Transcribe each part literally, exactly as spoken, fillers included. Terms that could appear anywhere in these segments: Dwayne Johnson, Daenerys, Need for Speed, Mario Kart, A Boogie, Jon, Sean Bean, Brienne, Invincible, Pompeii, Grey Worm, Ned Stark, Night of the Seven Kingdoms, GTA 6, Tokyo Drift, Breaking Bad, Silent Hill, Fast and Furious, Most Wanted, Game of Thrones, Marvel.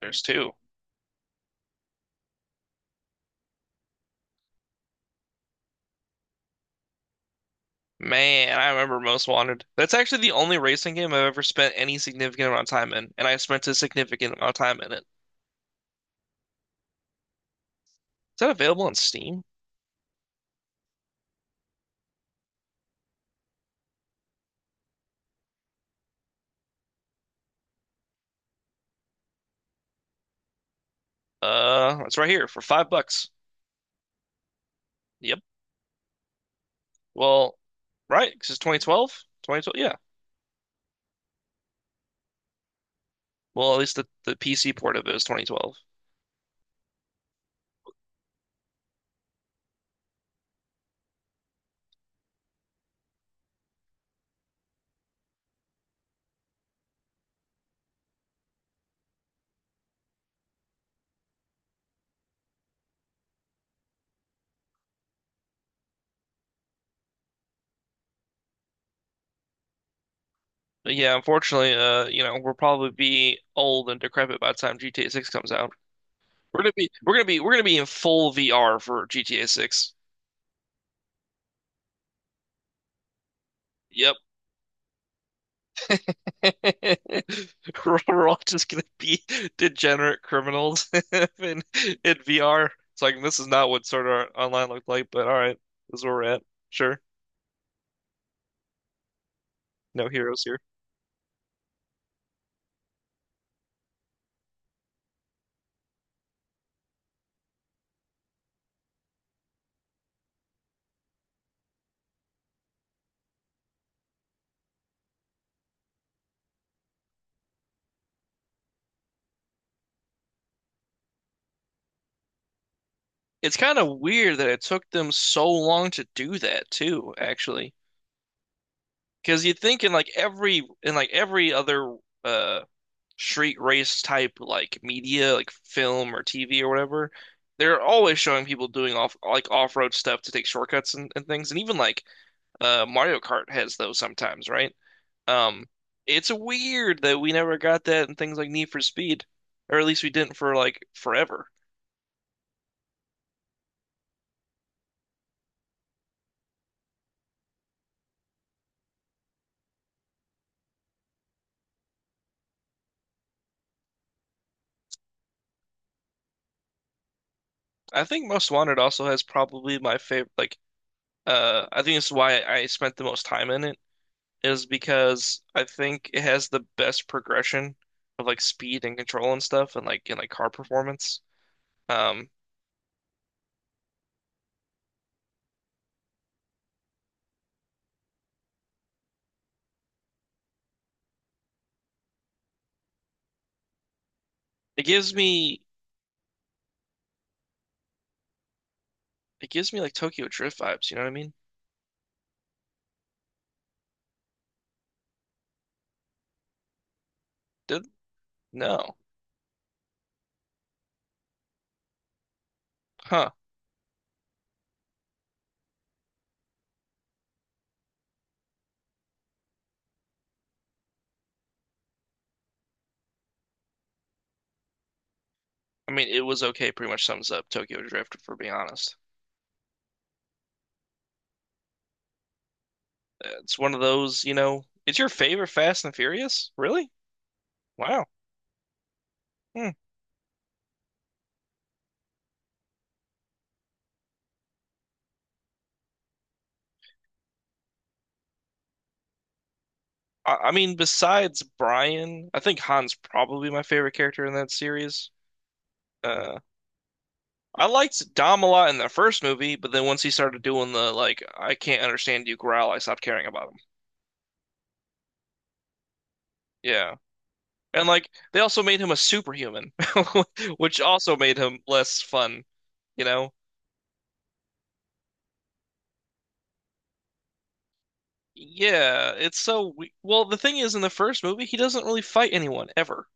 There's two. Man, I remember Most Wanted. That's actually the only racing game I've ever spent any significant amount of time in, and I spent a significant amount of time in it. Is that available on Steam? Uh, it's right here for five bucks. Yep. Well, right, 'cause it's twenty twelve? twenty twelve, yeah. Well, at least the, the P C port of it is twenty twelve. But yeah, unfortunately, uh, you know, we'll probably be old and decrepit by the time G T A six comes out. We're gonna be, we're gonna be, we're gonna be in full V R for G T A six. Yep. We're we're all just gonna be degenerate criminals in in V R. It's like this is not what sort of Online looked like, but all right, this is where we're at. Sure, no heroes here. It's kind of weird that it took them so long to do that too, actually, because you'd think in like every in like every other uh street race type like media, like film or T V or whatever, they're always showing people doing off like off-road stuff to take shortcuts and, and things, and even like Uh, Mario Kart has those sometimes, right? Um, it's weird that we never got that in things like Need for Speed, or at least we didn't for like forever. I think Most Wanted also has probably my favorite. Like, uh, I think this is why I spent the most time in it is because I think it has the best progression of like speed and control and stuff, and like and like car performance. Um, it gives me it gives me like Tokyo Drift vibes. You know what I mean? Did no, huh? I mean, it was okay. Pretty much sums up Tokyo Drift, for being honest. It's one of those, you know. It's your favorite Fast and Furious? Really? Wow. Hmm. I, I mean, besides Brian, I think Han's probably my favorite character in that series. Uh, I liked Dom a lot in the first movie, but then once he started doing the like, I can't understand you growl, I stopped caring about him. Yeah. And like they also made him a superhuman, which also made him less fun, you know? Yeah, it's so we well, the thing is in the first movie, he doesn't really fight anyone ever.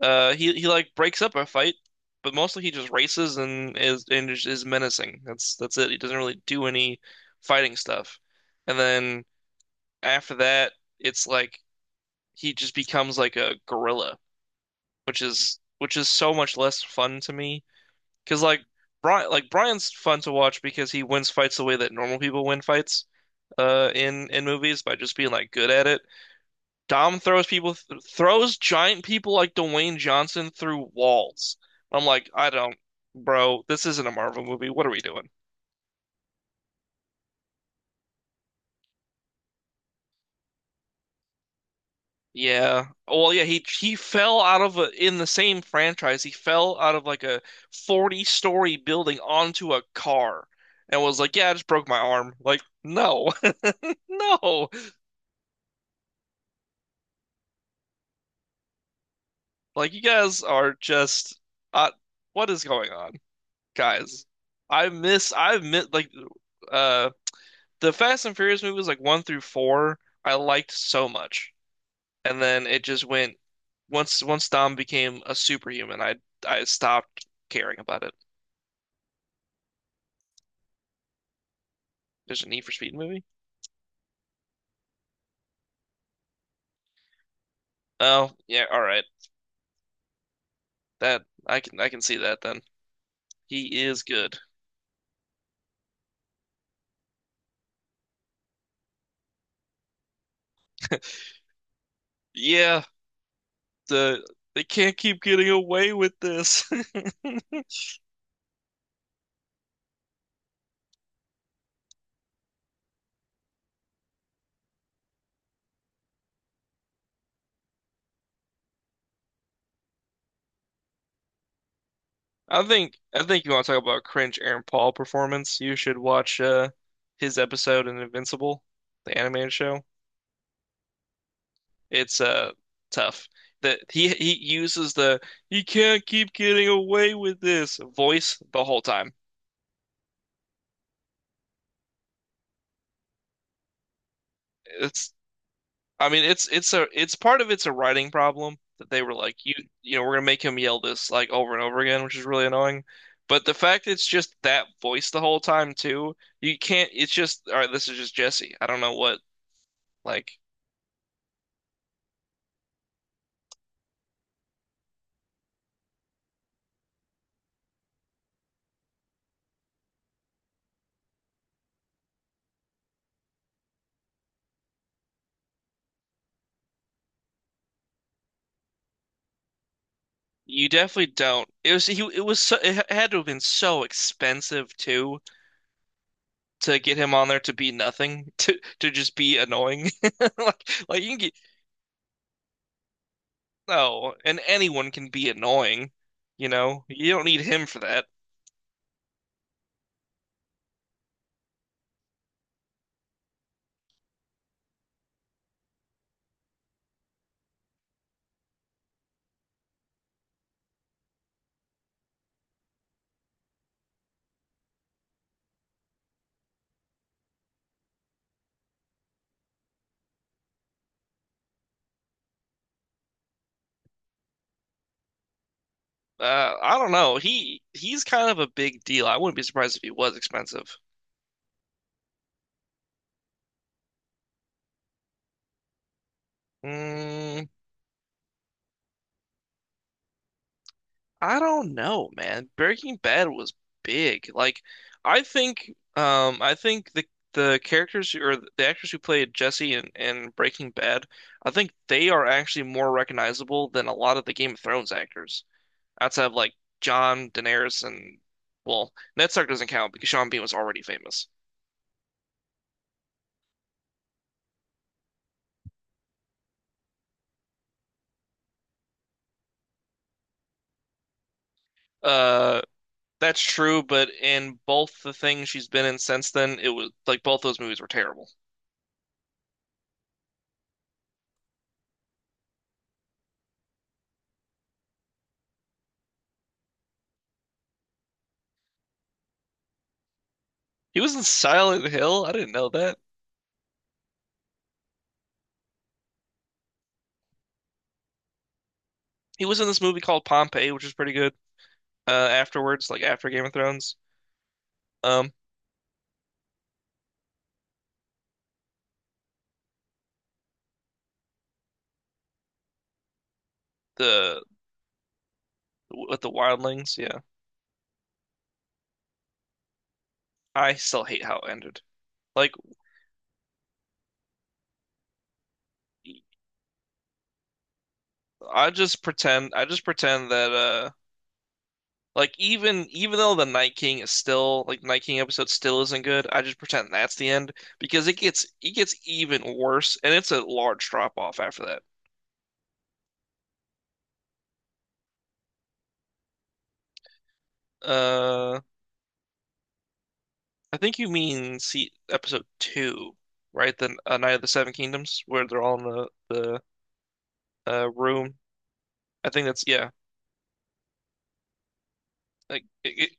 Uh he he like breaks up a fight, but mostly he just races and is and is is menacing. That's that's it. He doesn't really do any fighting stuff. And then after that, it's like he just becomes like a gorilla, which is which is so much less fun to me. Because like Brian like Brian's fun to watch because he wins fights the way that normal people win fights uh in in movies by just being like good at it. Dom throws people th throws giant people like Dwayne Johnson through walls. I'm like, I don't, bro, this isn't a Marvel movie. What are we doing? Yeah. Well, yeah, he he fell out of a, in the same franchise. He fell out of like a forty story building onto a car and was like, "Yeah, I just broke my arm." Like, no. No. Like you guys are just uh, what is going on? Guys, I miss I miss like uh the Fast and Furious movies, like one through four, I liked so much, and then it just went once once Dom became a superhuman, I I stopped caring about it. There's a Need for Speed movie. Oh yeah, all right. That I can I can see that then. He is good. Yeah, the they can't keep getting away with this. I think I think you want to talk about cringe Aaron Paul performance. You should watch uh, his episode in Invincible, the animated show. It's uh tough. That he he uses the "he can't keep getting away with this" voice the whole time. It's I mean it's it's a it's part of it's a writing problem that they were like you you know we're gonna make him yell this like over and over again, which is really annoying. But the fact it's just that voice the whole time too, you can't. It's just all right. This is just Jesse. I don't know what like you definitely don't. It was he. It was so. It had to have been so expensive too to get him on there to be nothing, to to just be annoying. Like like you can get no, and anyone can be annoying, you know. You don't need him for that. Uh, I don't know. He he's kind of a big deal. I wouldn't be surprised if he was expensive. Mm, I don't know, man. Breaking Bad was big. Like I think um I think the the characters who- or the actors who played Jesse in, in Breaking Bad, I think they are actually more recognizable than a lot of the Game of Thrones actors. Outside of like John Daenerys and well, Ned Stark doesn't count because Sean Bean was already famous. Uh, that's true, but in both the things she's been in since then, it was like both those movies were terrible. He was in Silent Hill. I didn't know that. He was in this movie called Pompeii, which is pretty good. Uh, afterwards, like after Game of Thrones, um, the with the wildlings, yeah. I still hate how it ended. Like, I just pretend, I just pretend that uh. Like even even though the Night King is still like Night King episode still isn't good, I just pretend that's the end because it gets it gets even worse and it's a large drop off after that. Uh, I think you mean see episode two, right? The uh, Night of the Seven Kingdoms where they're all in the the uh, room. I think that's yeah. Like it, it,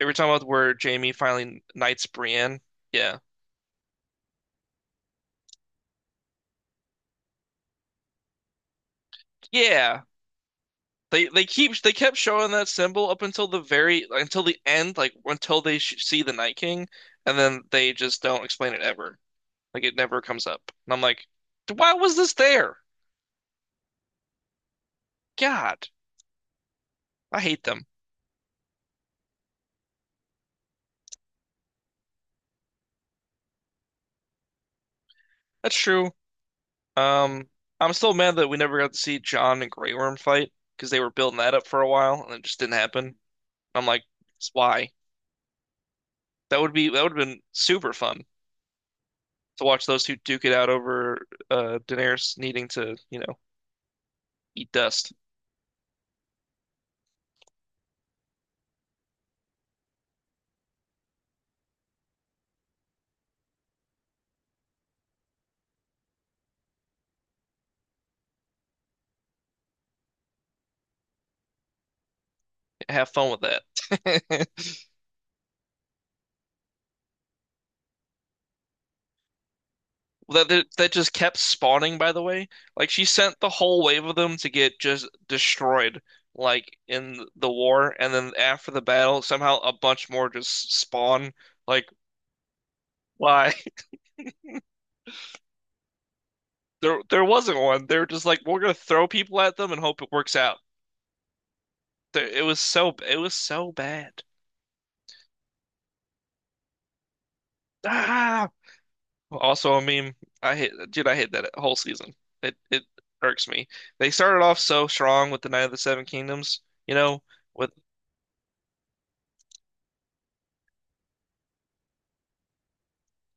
every time about where Jamie finally knights Brienne. Yeah, yeah. They they keep they kept showing that symbol up until the very until the end, like until they sh see the Night King, and then they just don't explain it ever. Like it never comes up. And I'm like, why was this there? God, I hate them. That's true. Um, I'm still mad that we never got to see Jon and Grey Worm fight because they were building that up for a while and it just didn't happen. I'm like, why? That would be that would have been super fun to watch those two duke it out over uh Daenerys needing to, you know, eat dust. Have fun with that. that that- just kept spawning, by the way. Like she sent the whole wave of them to get just destroyed, like in the war, and then after the battle, somehow a bunch more just spawn. Like why? There there wasn't one. They were just like, we're gonna throw people at them and hope it works out. It was so it was so bad. Ah. Well, also, I mean, I hate, dude, I hate that whole season. It it irks me. They started off so strong with the Night of the Seven Kingdoms, you know, with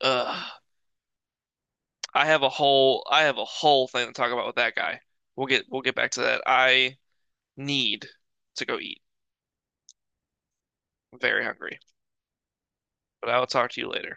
uh I have a whole I have a whole thing to talk about with that guy. We'll get we'll get back to that. I need to go eat. I'm very hungry, but I will talk to you later.